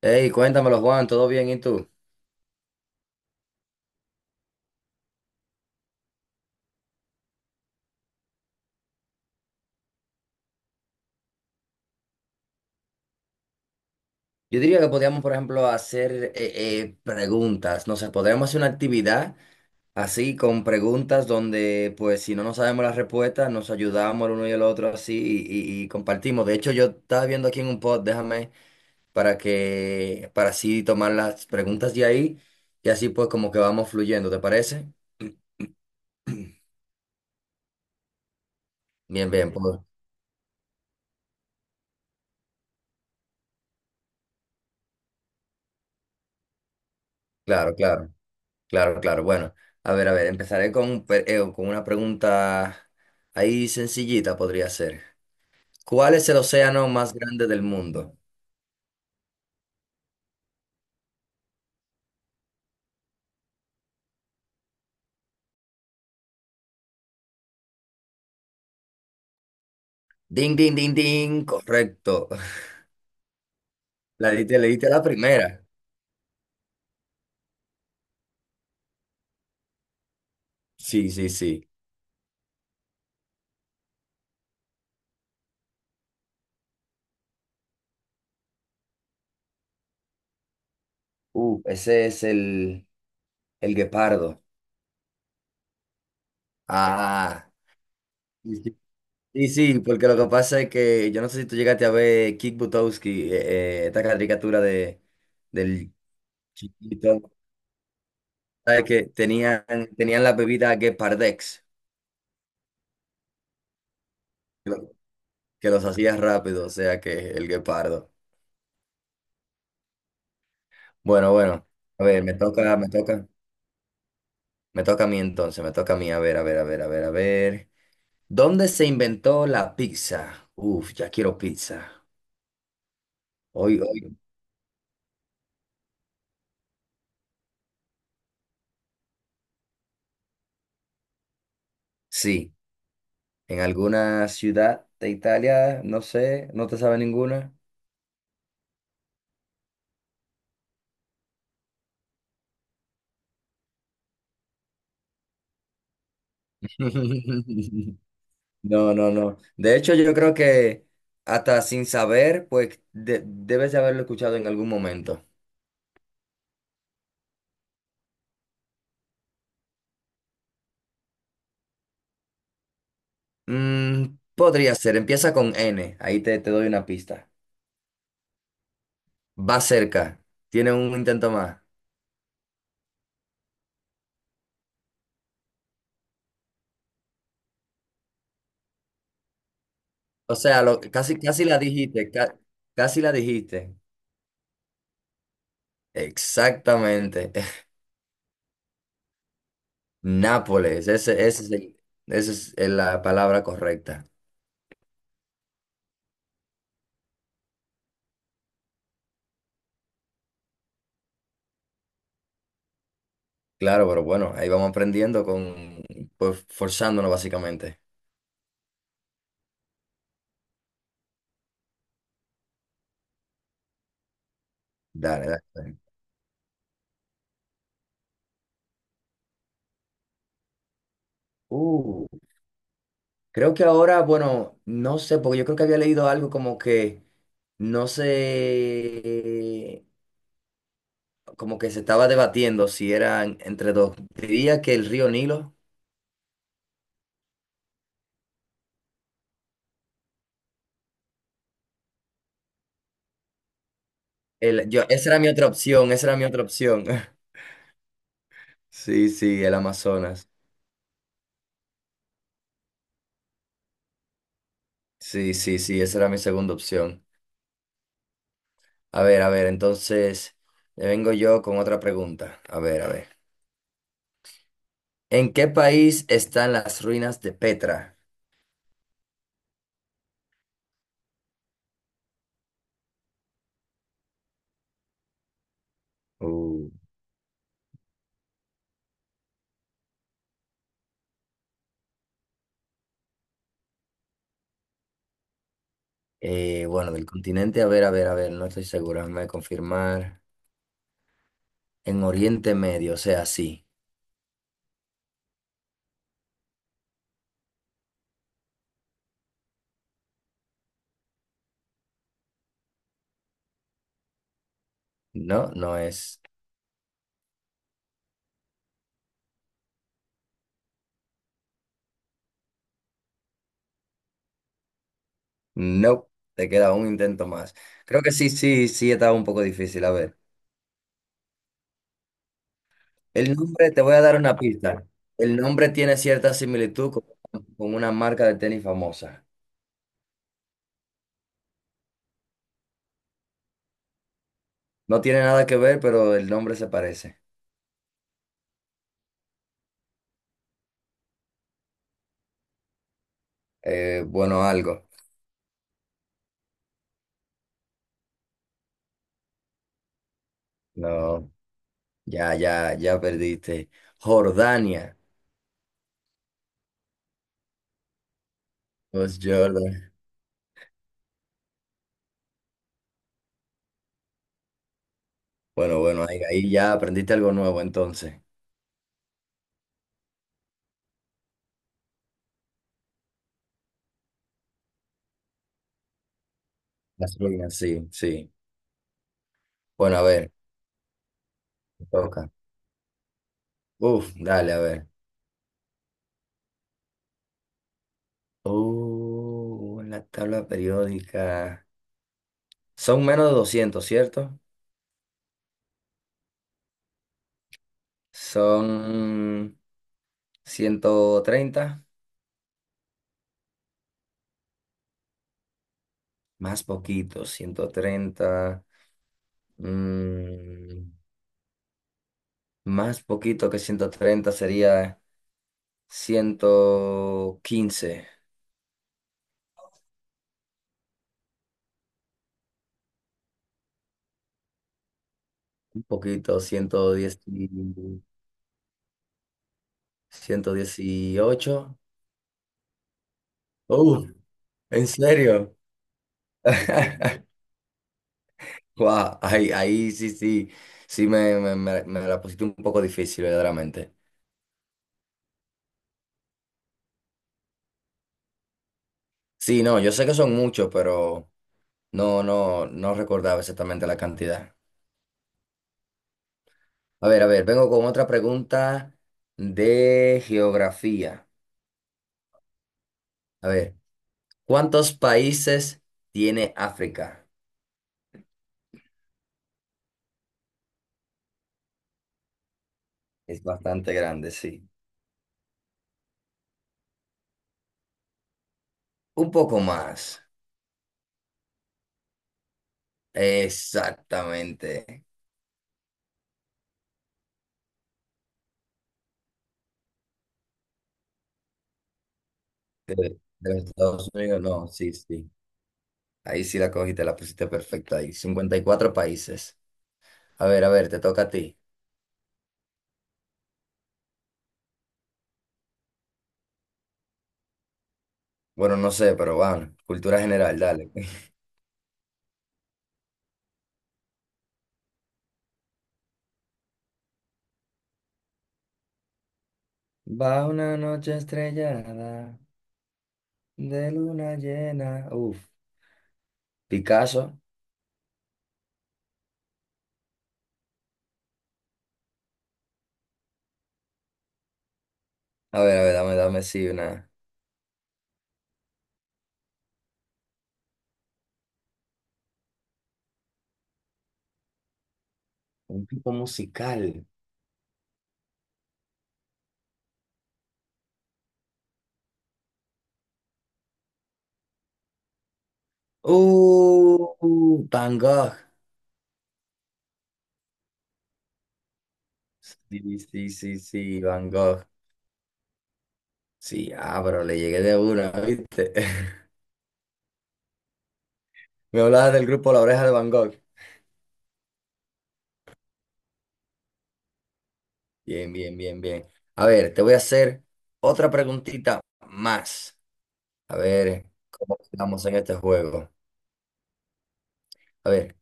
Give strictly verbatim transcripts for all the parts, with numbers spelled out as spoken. Hey, cuéntamelo, Juan, ¿todo bien? ¿Y tú? Yo diría que podríamos, por ejemplo, hacer eh, eh, preguntas, no sé, podríamos hacer una actividad así con preguntas donde, pues, si no nos sabemos las respuestas, nos ayudamos el uno y el otro así y, y- y compartimos. De hecho, yo estaba viendo aquí en un pod, déjame, para que, para así tomar las preguntas de ahí y así pues como que vamos fluyendo, ¿te parece? Bien, bien, pues, claro, claro. Claro, claro. Bueno, a ver, a ver, empezaré con, pe- eh, con una pregunta ahí sencillita, podría ser. ¿Cuál es el océano más grande del mundo? Ding, ding, ding, ding. Correcto. La diste, le diste a la primera. Sí, sí, sí. Uh, ese es el, el guepardo. Ah. Sí, sí, sí, sí, porque lo que pasa es que yo no sé si tú llegaste a ver Kick Butowski, eh, eh, esta caricatura de, del chiquito, ¿sabes? Que tenían, tenían la bebida Gepardex. lo- que los hacías rápido, o sea que el guepardo. Bueno, bueno, a ver, me toca, me toca, me toca a mí entonces, me toca a mí, a ver, a ver, a ver, a ver, a ver. ¿Dónde se inventó la pizza? Uf, ya quiero pizza. Hoy, hoy, sí, en alguna ciudad de Italia, no sé, no te sabe ninguna. No, no, no. De hecho, yo creo que hasta sin saber, pues de- debes de haberlo escuchado en algún momento. Mm, podría ser, empieza con N, ahí te, te doy una pista. Va cerca, tiene un intento más. O sea, lo, casi, casi la dijiste, ca- casi la dijiste. Exactamente. Nápoles, ese, ese es el- esa es la palabra correcta. Claro, pero bueno, ahí vamos aprendiendo con, pues forzándonos básicamente. Dale, dale, dale. Uh, creo que ahora, bueno, no sé, porque yo creo que había leído algo como que no sé, como que se estaba debatiendo si eran entre dos. Diría que el río Nilo. El, yo, esa era mi otra opción, esa era mi otra opción. Sí, sí, el Amazonas. Sí, sí, sí, esa era mi segunda opción. A ver, a ver, entonces le vengo yo con otra pregunta. A ver, a ver. ¿En qué país están las ruinas de Petra? Uh, eh, bueno, del continente, a ver, a ver, a ver, no estoy seguro, déjame confirmar. En Oriente Medio, o sea, sí. No, no es. No, te queda un intento más. Creo que sí, sí, sí, estaba un poco difícil. A ver, el nombre, te voy a dar una pista. El nombre tiene cierta similitud con, con una marca de tenis famosa. No tiene nada que ver, pero el nombre se parece. Eh, bueno, algo. No, ya, ya, ya perdiste. Jordania. Pues Jordan. Bueno, bueno, ahí, ahí ya aprendiste algo nuevo entonces. Las ruinas, sí, sí. Bueno, a ver, te toca. Uf, dale, a ver. Oh, en la tabla periódica. Son menos de doscientos, ¿cierto? Son ciento treinta, más poquito, ciento treinta. Mm, más poquito que ciento treinta sería ciento quince, un poquito, ciento diez, y- ciento dieciocho. Uh, ¿en serio? Guau, ahí, ahí sí, sí, sí me, me, me- me la pusiste un poco difícil, verdaderamente. Sí, no, yo sé que son muchos, pero no, no, no recordaba exactamente la cantidad. A ver, a ver, vengo con otra pregunta de geografía. A ver, ¿cuántos países tiene África? Es bastante grande, sí. Un poco más. Exactamente. De, de los Estados Unidos, no, sí, sí. Ahí sí la cogiste, la pusiste perfecta ahí. Cincuenta y cuatro países. A ver, a ver, te toca a ti. Bueno, no sé, pero van. Cultura general, dale. Va una noche estrellada de luna llena. Uf. Picasso. A ver, a ver, dame, dame, sí, una. Un tipo musical. Uh, uh, Van Gogh. Sí, sí, sí, sí, Van Gogh. Sí, ah, pero le llegué de una, ¿viste? Me hablabas del grupo La Oreja de Van Gogh. Bien, bien, bien, bien. A ver, te voy a hacer otra preguntita más. A ver, ¿cómo estamos en este juego? A ver,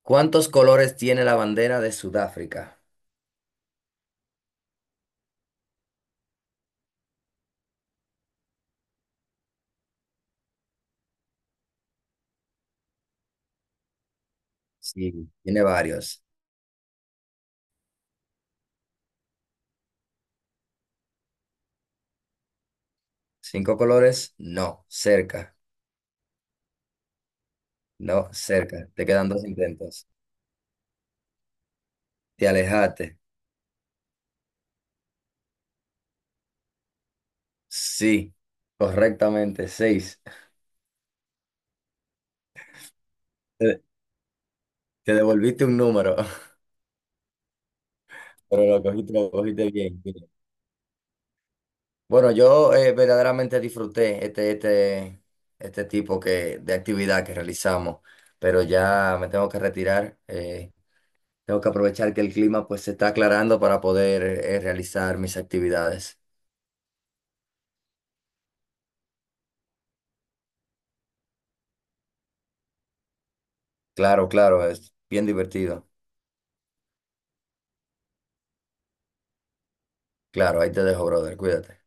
¿cuántos colores tiene la bandera de Sudáfrica? Sí, tiene varios. ¿Cinco colores? No, cerca. No, cerca. Te quedan dos intentos. Te alejaste. Sí, correctamente, seis. Te, te devolviste un número, pero lo cogiste, lo cogiste bien, bien. Bueno, yo eh, verdaderamente disfruté este, este, este tipo que, de actividad que realizamos, pero ya me tengo que retirar. eh, Tengo que aprovechar que el clima pues se está aclarando para poder eh, realizar mis actividades. Claro, claro, es bien divertido. Claro, ahí te dejo, brother. Cuídate.